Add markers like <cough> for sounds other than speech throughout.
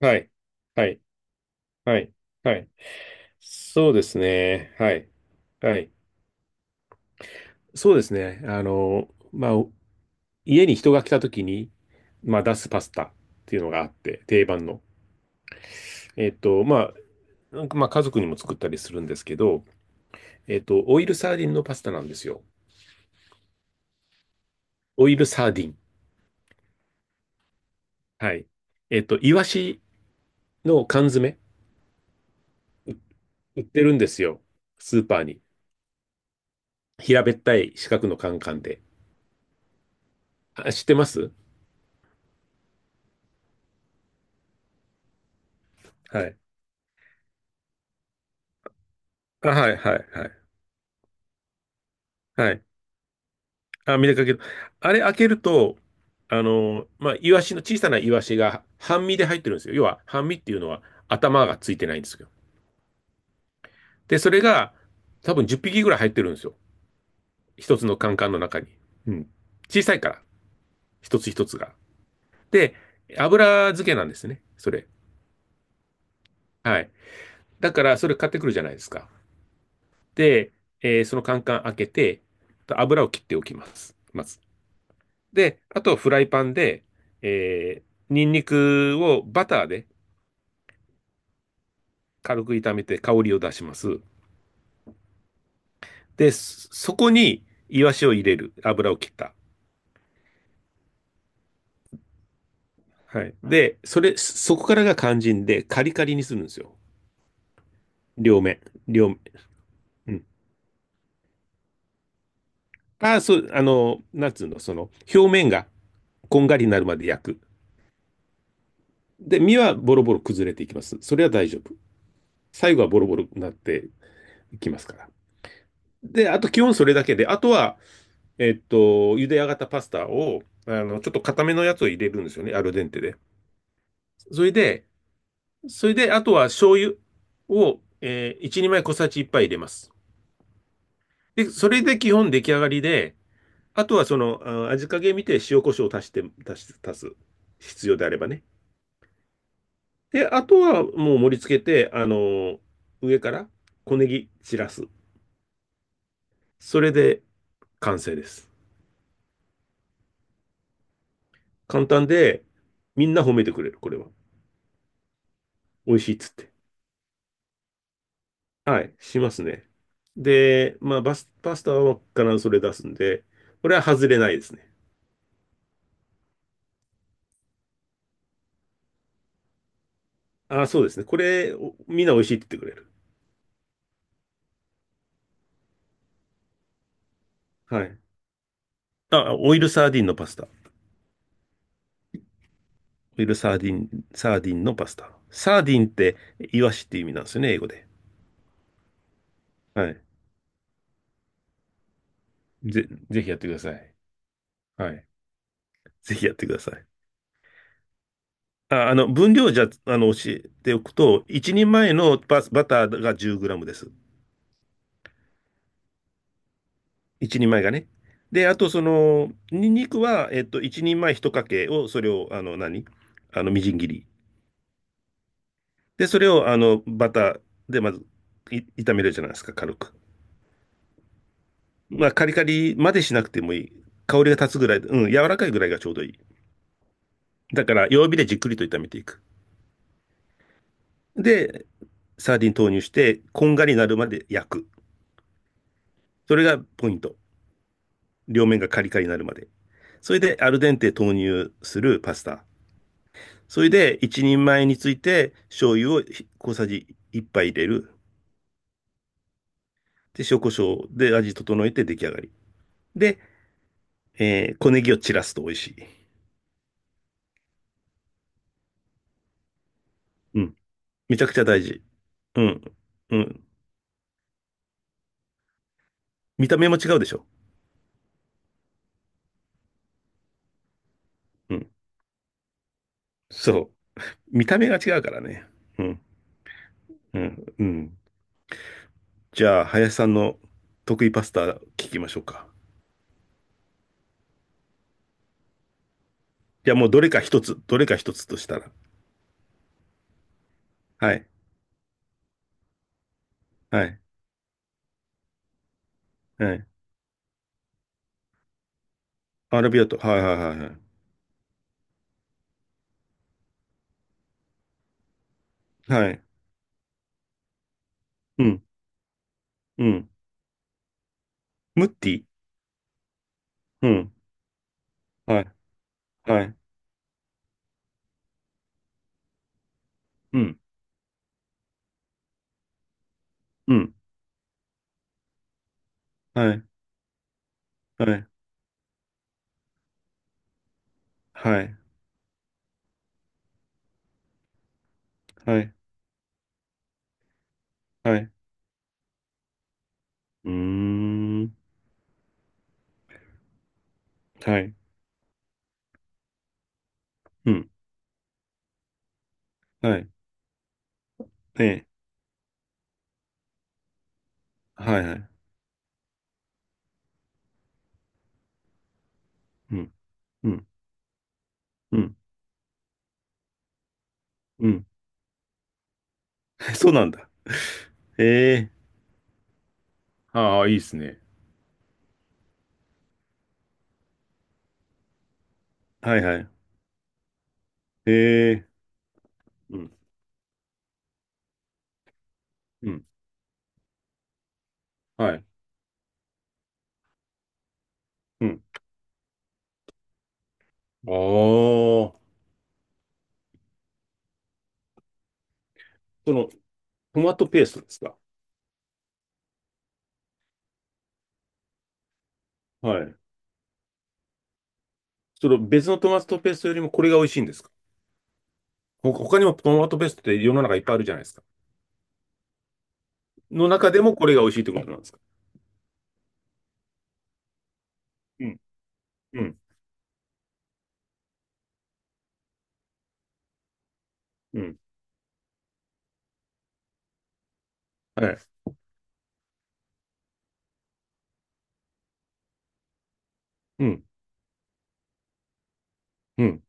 はい。はい。はい。はい。そうですね。はい。はい。そうですね。家に人が来た時に、出すパスタっていうのがあって、定番の。えっと、ま家族にも作ったりするんですけど、オイルサーディンのパスタなんですよ。オイルサーディン。はい。イワシの缶詰、売ってるんですよ。スーパーに。平べったい四角のカンカンで。あ、知ってます。はい。あ、はい、はい、はい。はい。あ、見れかけど、あれ開けると、イワシの、小さなイワシが半身で入ってるんですよ。要は、半身っていうのは頭がついてないんですよ。で、それが多分10匹ぐらい入ってるんですよ。一つのカンカンの中に。うん。小さいから、一つ一つが。で、油漬けなんですね、それ。はい。だから、それ買ってくるじゃないですか。で、そのカンカン開けて、油を切っておきます。まず。で、あとフライパンで、えーニンニクをバターで、軽く炒めて香りを出します。で、そこにイワシを入れる。油を切った。はい。で、それ、そこからが肝心で、カリカリにするんですよ。両面。両面。うん。ああ、そう、あの、なんつうの、その、表面がこんがりになるまで焼く。で、身はボロボロ崩れていきます。それは大丈夫。最後はボロボロになっていきますから。で、あと基本それだけで、あとは、えっと、茹で上がったパスタを、ちょっと固めのやつを入れるんですよね、アルデンテで。それで、それで、あとは醤油を、1、2枚小さじいっぱ杯入れます。で、それで基本出来上がりで、あとはその、あ味加減見て塩コショウを足して、足す、足す。必要であればね。で、あとはもう盛り付けて、上から小ネギ散らす。それで完成です。簡単で、みんな褒めてくれる、これは。美味しいっつって。はい、しますね。で、パスタは必ずそれ出すんで、これは外れないですね。あ、そうですね。これ、みんな美味しいって言ってくれる。はい。あ、オイルサーディンのパスタ。オイルサーディン、サーディンのパスタ。サーディンって、イワシって意味なんですよね、英語で。はい。ぜひやってください。はい。ぜひやってください。あ、分量じゃ、あの、教えておくと、一人前のパス、バターが10グラムです。一人前がね。で、あと、その、ニンニクは、一人前一かけを、それを、あの、何あの、みじん切り。で、それをあのバターでまず炒めるじゃないですか、軽く。まあ、カリカリまでしなくてもいい。香りが立つぐらい、うん、柔らかいぐらいがちょうどいい。だから、弱火でじっくりと炒めていく。で、サーディン投入して、こんがりになるまで焼く。それがポイント。両面がカリカリになるまで。それで、アルデンテ投入するパスタ。それで、一人前について、醤油を小さじ1杯入れる。で、塩コショウで味整えて出来上がり。で、小ネギを散らすと美味しい。うん。めちゃくちゃ大事。うん。うん。見た目も違うでしょ。うん。そう。見た目が違うからね。うん。うん。うん。じゃあ、林さんの得意パスタ聞きましょうか。いやもうどれか一つ、どれか一つとしたら。はい。はい。はい。アラビアート、はいはいはいはい。はい。うん。うん。ムッティ。うん。はい。はい。うん。うん。はい。はい。はい。はい。はい。うーん。はい。うん。はい。ええ。はいはい。うん。うん。うん。うん。<laughs> そうなんだ。ええ。ああ、いいですね。はいはい。ええ。うん。うん。はい。うん。ああ。その、トマトペーストですか？はい。その別のトマトペーストよりもこれが美味しいんですか？他にもトマトペーストって世の中いっぱいあるじゃないですか。の中でもこれが美味しいってことなんですか？うん。うん。うん。はい。うん。うん。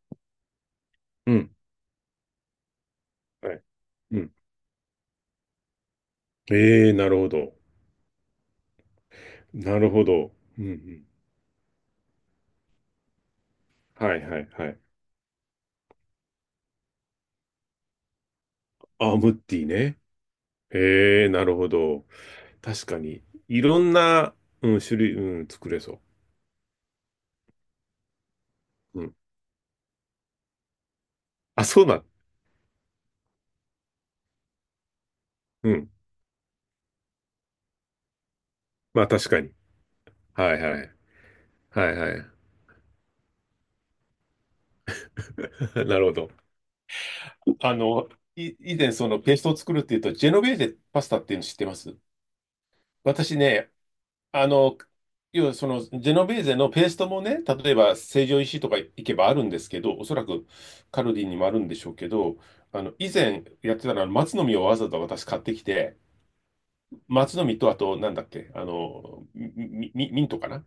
うん。はい。うん。ええ、なるほど。なるほど。うんうん。はいはいはい。あ、ムッティね。ええ、なるほど。確かに。いろんな、うん、種類、うん、作れそう。うん。あ、そうだ。うん。まあ確かに。はいはい。はいはい。<laughs> なるほど。あの、以前そのペーストを作るっていうと、ジェノベーゼパスタっていうの知ってます？私ね、あの、要はそのジェノベーゼのペーストもね、例えば成城石井とか行けばあるんですけど、おそらくカルディにもあるんでしょうけど、以前やってたのは松の実をわざわざ私買ってきて、松の実と、あと、なんだっけ、ミントかな。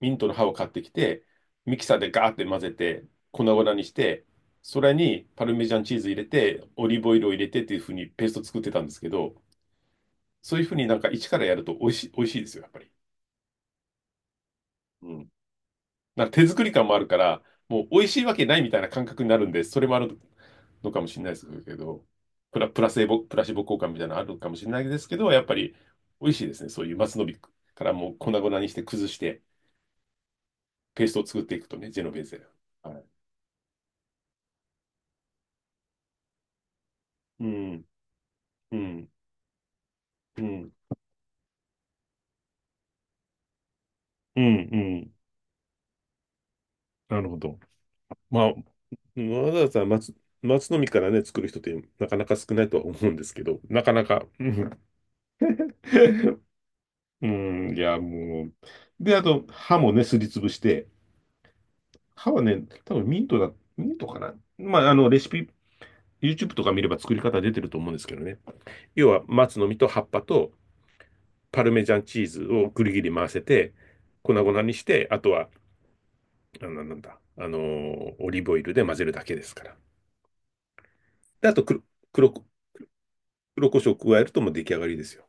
ミントの葉を買ってきて、ミキサーでガーって混ぜて、粉々にして、それにパルメジャンチーズ入れて、オリーブオイルを入れてっていうふうにペースト作ってたんですけど、そういうふうになんか一からやると美味しい、美味しいですよ、やっぱり。うん。なんか手作り感もあるから、もう美味しいわけないみたいな感覚になるんで、それもあるのかもしれないですけど、プラシボ効果みたいなのあるかもしれないですけど、やっぱり美味しいですね。そういう松の実からもう粉々にして崩して、ペーストを作っていくとね、ジェノベーゼ。はい。うん、うん、うん、うん、うん。なるほど。まあ、わざわざ松、松の実からね、作る人ってなかなか少ないとは思うんですけど、なかなか、うん。 <laughs> うん、いや、もう。で、あと、歯もね、すりつぶして、歯はね、多分ミントかな。まあ、あの、レシピ、YouTube とか見れば作り方出てると思うんですけどね。要は、松の実と葉っぱとパルメジャンチーズをぐりぐり回せて、粉々にして、あとは、あの、なんだ、あのーオリーブオイルで混ぜるだけですから。で、あと黒、黒こ、黒胡椒を加えるともう出来上がりですよ。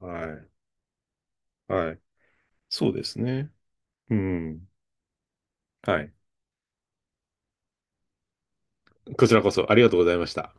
はい。はい。そうですね。うん。はい。こちらこそありがとうございました。